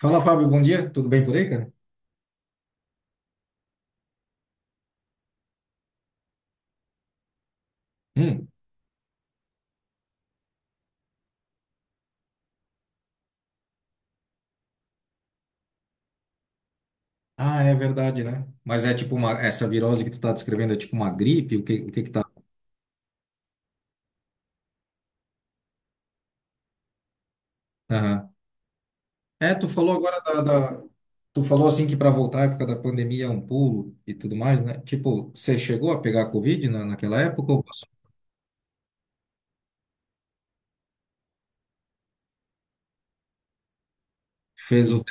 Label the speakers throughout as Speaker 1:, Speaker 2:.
Speaker 1: Fala, Fábio, bom dia. Tudo bem por aí, cara? Hum. Ah, é verdade, né? Mas essa virose que tu tá descrevendo é tipo uma gripe? O que que tá? Aham. É, tu falou agora da, da- tu falou assim que para voltar à época da pandemia é um pulo e tudo mais, né? Tipo, você chegou a pegar Covid na, naquela época ou passou? Fez o,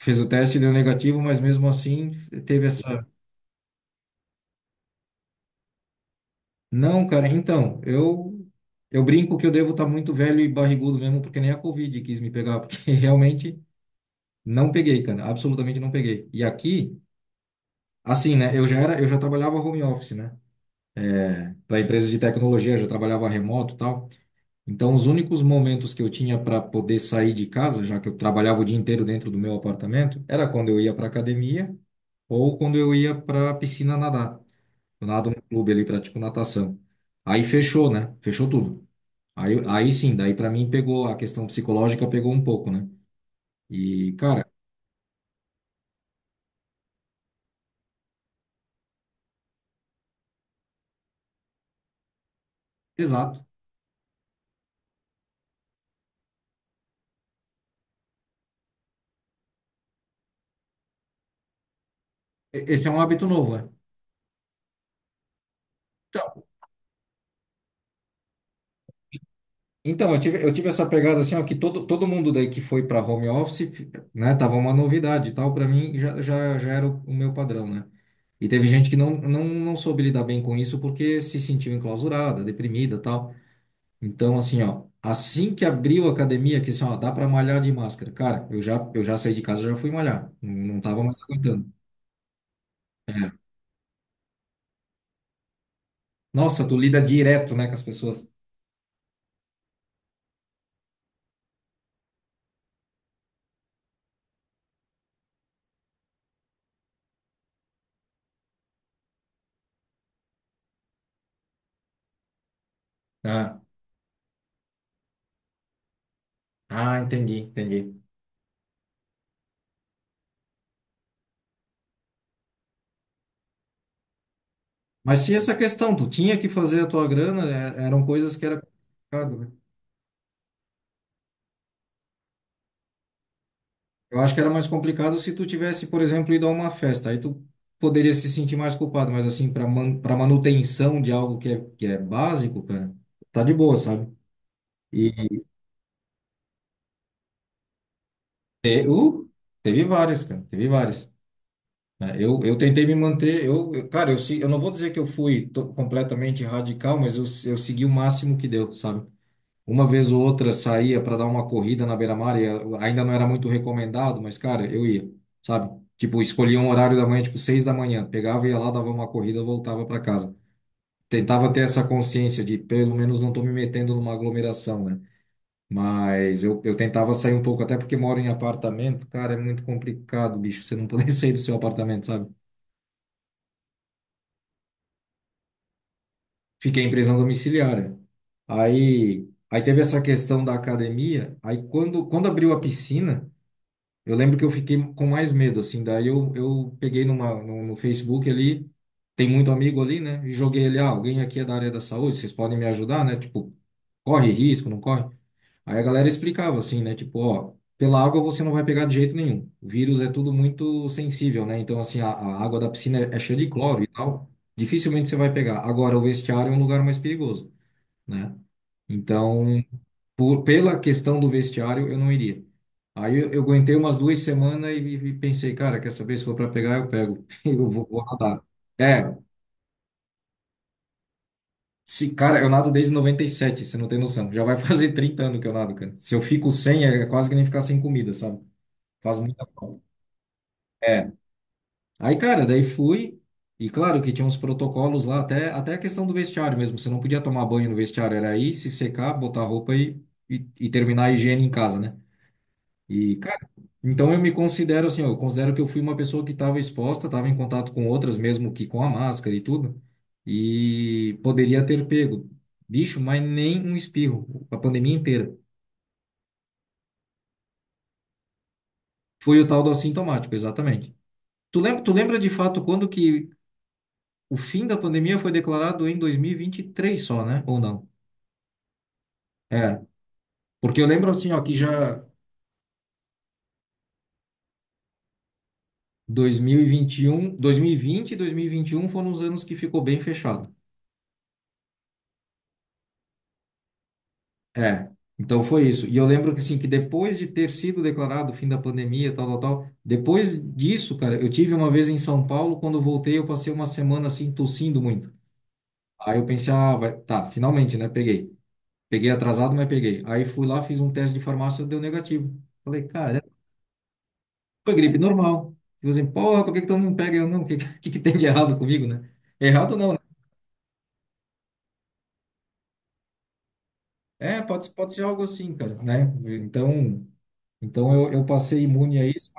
Speaker 1: fez o teste e deu negativo, mas mesmo assim teve essa. Não, cara, então, eu brinco que eu devo estar muito velho e barrigudo mesmo, porque nem a Covid quis me pegar, porque realmente não peguei, cara, absolutamente não peguei. E aqui, assim, né, eu já trabalhava home office, né? Para empresa de tecnologia, já trabalhava remoto, e tal. Então, os únicos momentos que eu tinha para poder sair de casa, já que eu trabalhava o dia inteiro dentro do meu apartamento, era quando eu ia para academia ou quando eu ia para piscina nadar. Eu nado no clube ali, pratico natação. Aí fechou, né? Fechou tudo. Aí sim, daí para mim pegou a questão psicológica, pegou um pouco, né? E, cara, exato. E- Esse é um hábito novo, né? Então, eu tive essa pegada assim, ó, que todo mundo daí que foi para home office, né, tava uma novidade e tal, para mim já era o meu padrão, né? E teve gente que não soube lidar bem com isso porque se sentiu enclausurada, deprimida, e tal. Então, assim, ó, assim que abriu a academia, que assim, ó, dá para malhar de máscara. Cara, eu já saí de casa, já fui malhar, não, não tava mais aguentando. Nossa, tu lida direto, né, com as pessoas. Ah, ah, entendi, entendi. Mas tinha essa questão, tu tinha que fazer a tua grana, é- eram coisas que era complicado, né? Eu acho que era mais complicado se tu tivesse, por exemplo, ido a uma festa, aí tu poderia se sentir mais culpado, mas assim, para man, para manutenção de algo que é básico, cara, tá de boa, sabe? E te- uh, teve várias, cara, teve várias. Né? Eu tentei me manter, cara, eu não vou dizer que eu fui to- completamente radical, mas eu segui o máximo que deu, sabe? Uma vez ou outra saía para dar uma corrida na beira-mar e ainda não era muito recomendado, mas, cara, eu ia, sabe? Tipo, escolhia um horário da manhã, tipo, 6 da manhã, pegava, ia lá, dava uma corrida, voltava para casa. Tentava ter essa consciência de, pelo menos, não tô me metendo numa aglomeração, né? Mas eu tentava sair um pouco, até porque moro em apartamento, cara, é muito complicado, bicho, você não poder sair do seu apartamento, sabe? Fiquei em prisão domiciliar, né? Aí teve essa questão da academia, aí quando abriu a piscina. Eu lembro que eu fiquei com mais medo, assim. Daí eu peguei numa, no, no Facebook ali, tem muito amigo ali, né? E joguei ele, ah, alguém aqui é da área da saúde, vocês podem me ajudar, né? Tipo, corre risco, não corre? Aí a galera explicava assim, né? Tipo, ó, pela água você não vai pegar de jeito nenhum. O vírus é tudo muito sensível, né? Então, assim, a água da piscina é cheia de cloro e tal. Dificilmente você vai pegar. Agora, o vestiário é um lugar mais perigoso, né? Então, por, pela questão do vestiário, eu não iria. Aí eu aguentei umas 2 semanas e pensei, cara, quer saber, se for para pegar, eu pego. Eu vou nadar. É, se, cara, eu nado desde noventa e sete, você não tem noção. Já vai fazer 30 anos que eu nado, cara. Se eu fico sem, é, é quase que nem ficar sem comida, sabe? Faz muita falta. É. Aí, cara, daí fui. E claro que tinha uns protocolos lá, até, até a questão do vestiário mesmo. Você não podia tomar banho no vestiário, era ir, se secar, botar roupa e terminar a higiene em casa, né? E, cara, então eu me considero assim, eu considero que eu fui uma pessoa que estava exposta, estava em contato com outras, mesmo que com a máscara e tudo, e poderia ter pego, bicho, mas nem um espirro, a pandemia inteira. Foi o tal do assintomático, exatamente. Tu lembra de fato quando que o fim da pandemia foi declarado em 2023 só, né? Ou não? É, porque eu lembro assim, ó, que já 2021, 2020 e 2021 foram os anos que ficou bem fechado. É, então foi isso. E eu lembro que assim, que depois de ter sido declarado o fim da pandemia, tal, tal, tal, depois disso, cara, eu tive uma vez em São Paulo, quando eu voltei, eu passei uma semana assim tossindo muito. Aí eu pensei, ah, vai, tá, finalmente, né, peguei. Peguei atrasado, mas peguei. Aí fui lá, fiz um teste de farmácia, deu negativo. Falei, cara, foi gripe normal. E assim, porra, por que que todo mundo pega? Eu não, o que, que tem de errado comigo, né? Errado não, né? É, pode ser algo assim, cara, né? Então, eu passei imune a isso.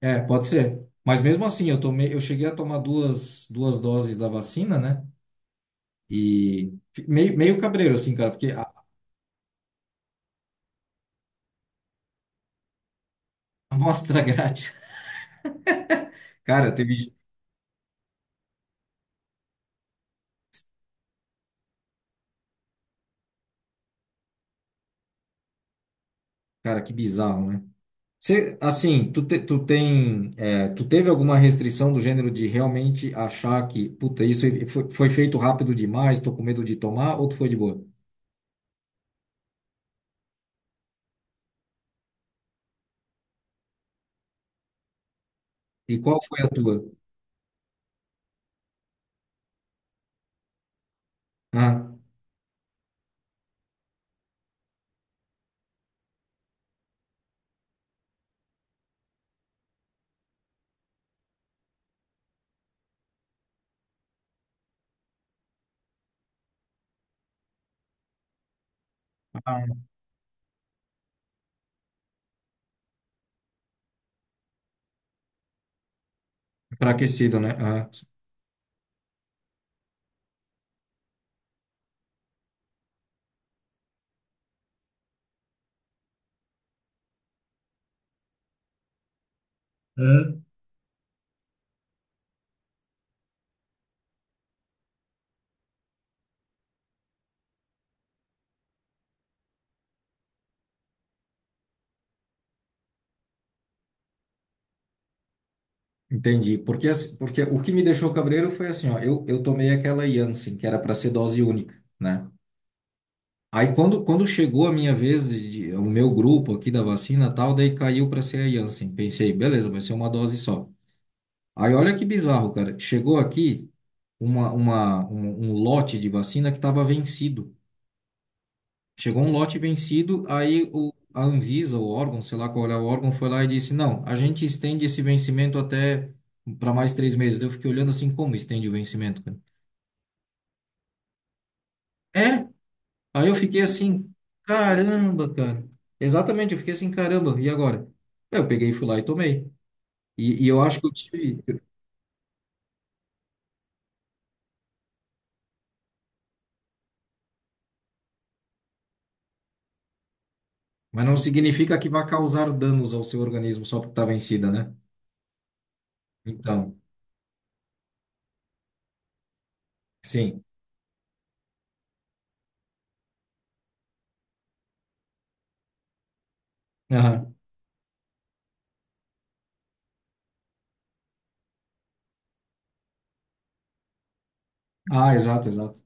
Speaker 1: É, pode ser. Mas mesmo assim, eu tomei, eu cheguei a tomar duas doses da vacina, né? E fi- meio cabreiro, assim, cara, porque a amostra grátis. Cara, teve. Cara, que bizarro, né? Você, assim, tu tem. É, tu teve alguma restrição do gênero de realmente achar que, puta, isso foi, foi feito rápido demais, tô com medo de tomar, ou tu foi de boa? E qual foi a tua? Ah, ah, enfraquecido, né? Ah. Entendi. Porque, as- porque o que me deixou cabreiro foi assim, ó, eu tomei aquela Janssen, que era para ser dose única, né? Aí quando chegou a minha vez, o meu grupo aqui da vacina e tal, daí caiu para ser a Janssen. Pensei, beleza, vai ser uma dose só. Aí olha que bizarro, cara. Chegou aqui um lote de vacina que estava vencido. Chegou um lote vencido, aí o, a, Anvisa, o órgão, sei lá qual é o órgão, foi lá e disse: Não, a gente estende esse vencimento até para mais 3 meses. Daí eu fiquei olhando assim: Como estende o vencimento, cara? É? Aí eu fiquei assim: Caramba, cara. Exatamente, eu fiquei assim: Caramba, e agora? Aí eu peguei, e fui lá e tomei. E eu acho que eu tive, mas não significa que vá causar danos ao seu organismo só porque está vencida, né? Então, sim. Aham. Ah, exato, exato.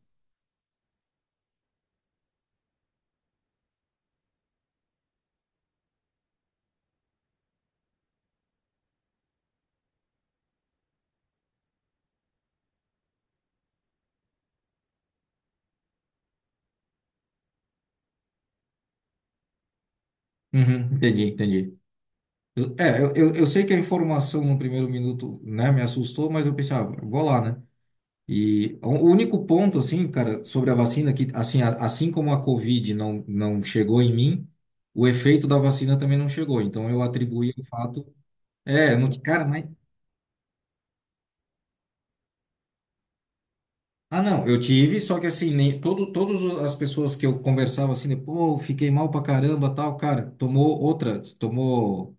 Speaker 1: Uhum, entendi, entendi. Eu- É, eu sei que a informação no primeiro minuto, né, me assustou, mas eu pensava, vou lá, né? E o único ponto, assim, cara, sobre a vacina, que, assim, a- assim como a Covid não chegou em mim, o efeito da vacina também não chegou. Então, eu atribuí o fato. É, eu não, cara, mas. Ah, não, eu tive, só que assim, nem, todo, todas as pessoas que eu conversava assim, pô, fiquei mal pra caramba, tal, cara, tomou outra, tomou.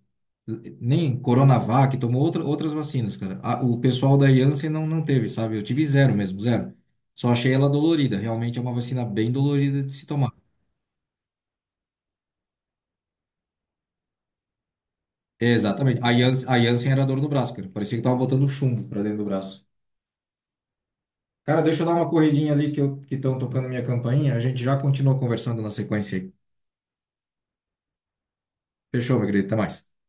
Speaker 1: Nem Coronavac, tomou outras vacinas, cara. O pessoal da Janssen não teve, sabe? Eu tive zero mesmo, zero. Só achei ela dolorida. Realmente é uma vacina bem dolorida de se tomar. É, exatamente. A Janssen era dor no braço, cara. Parecia que tava botando chumbo pra dentro do braço. Cara, deixa eu dar uma corridinha ali que que estão tocando minha campainha. A gente já continua conversando na sequência aí. Fechou, meu querido. Até mais.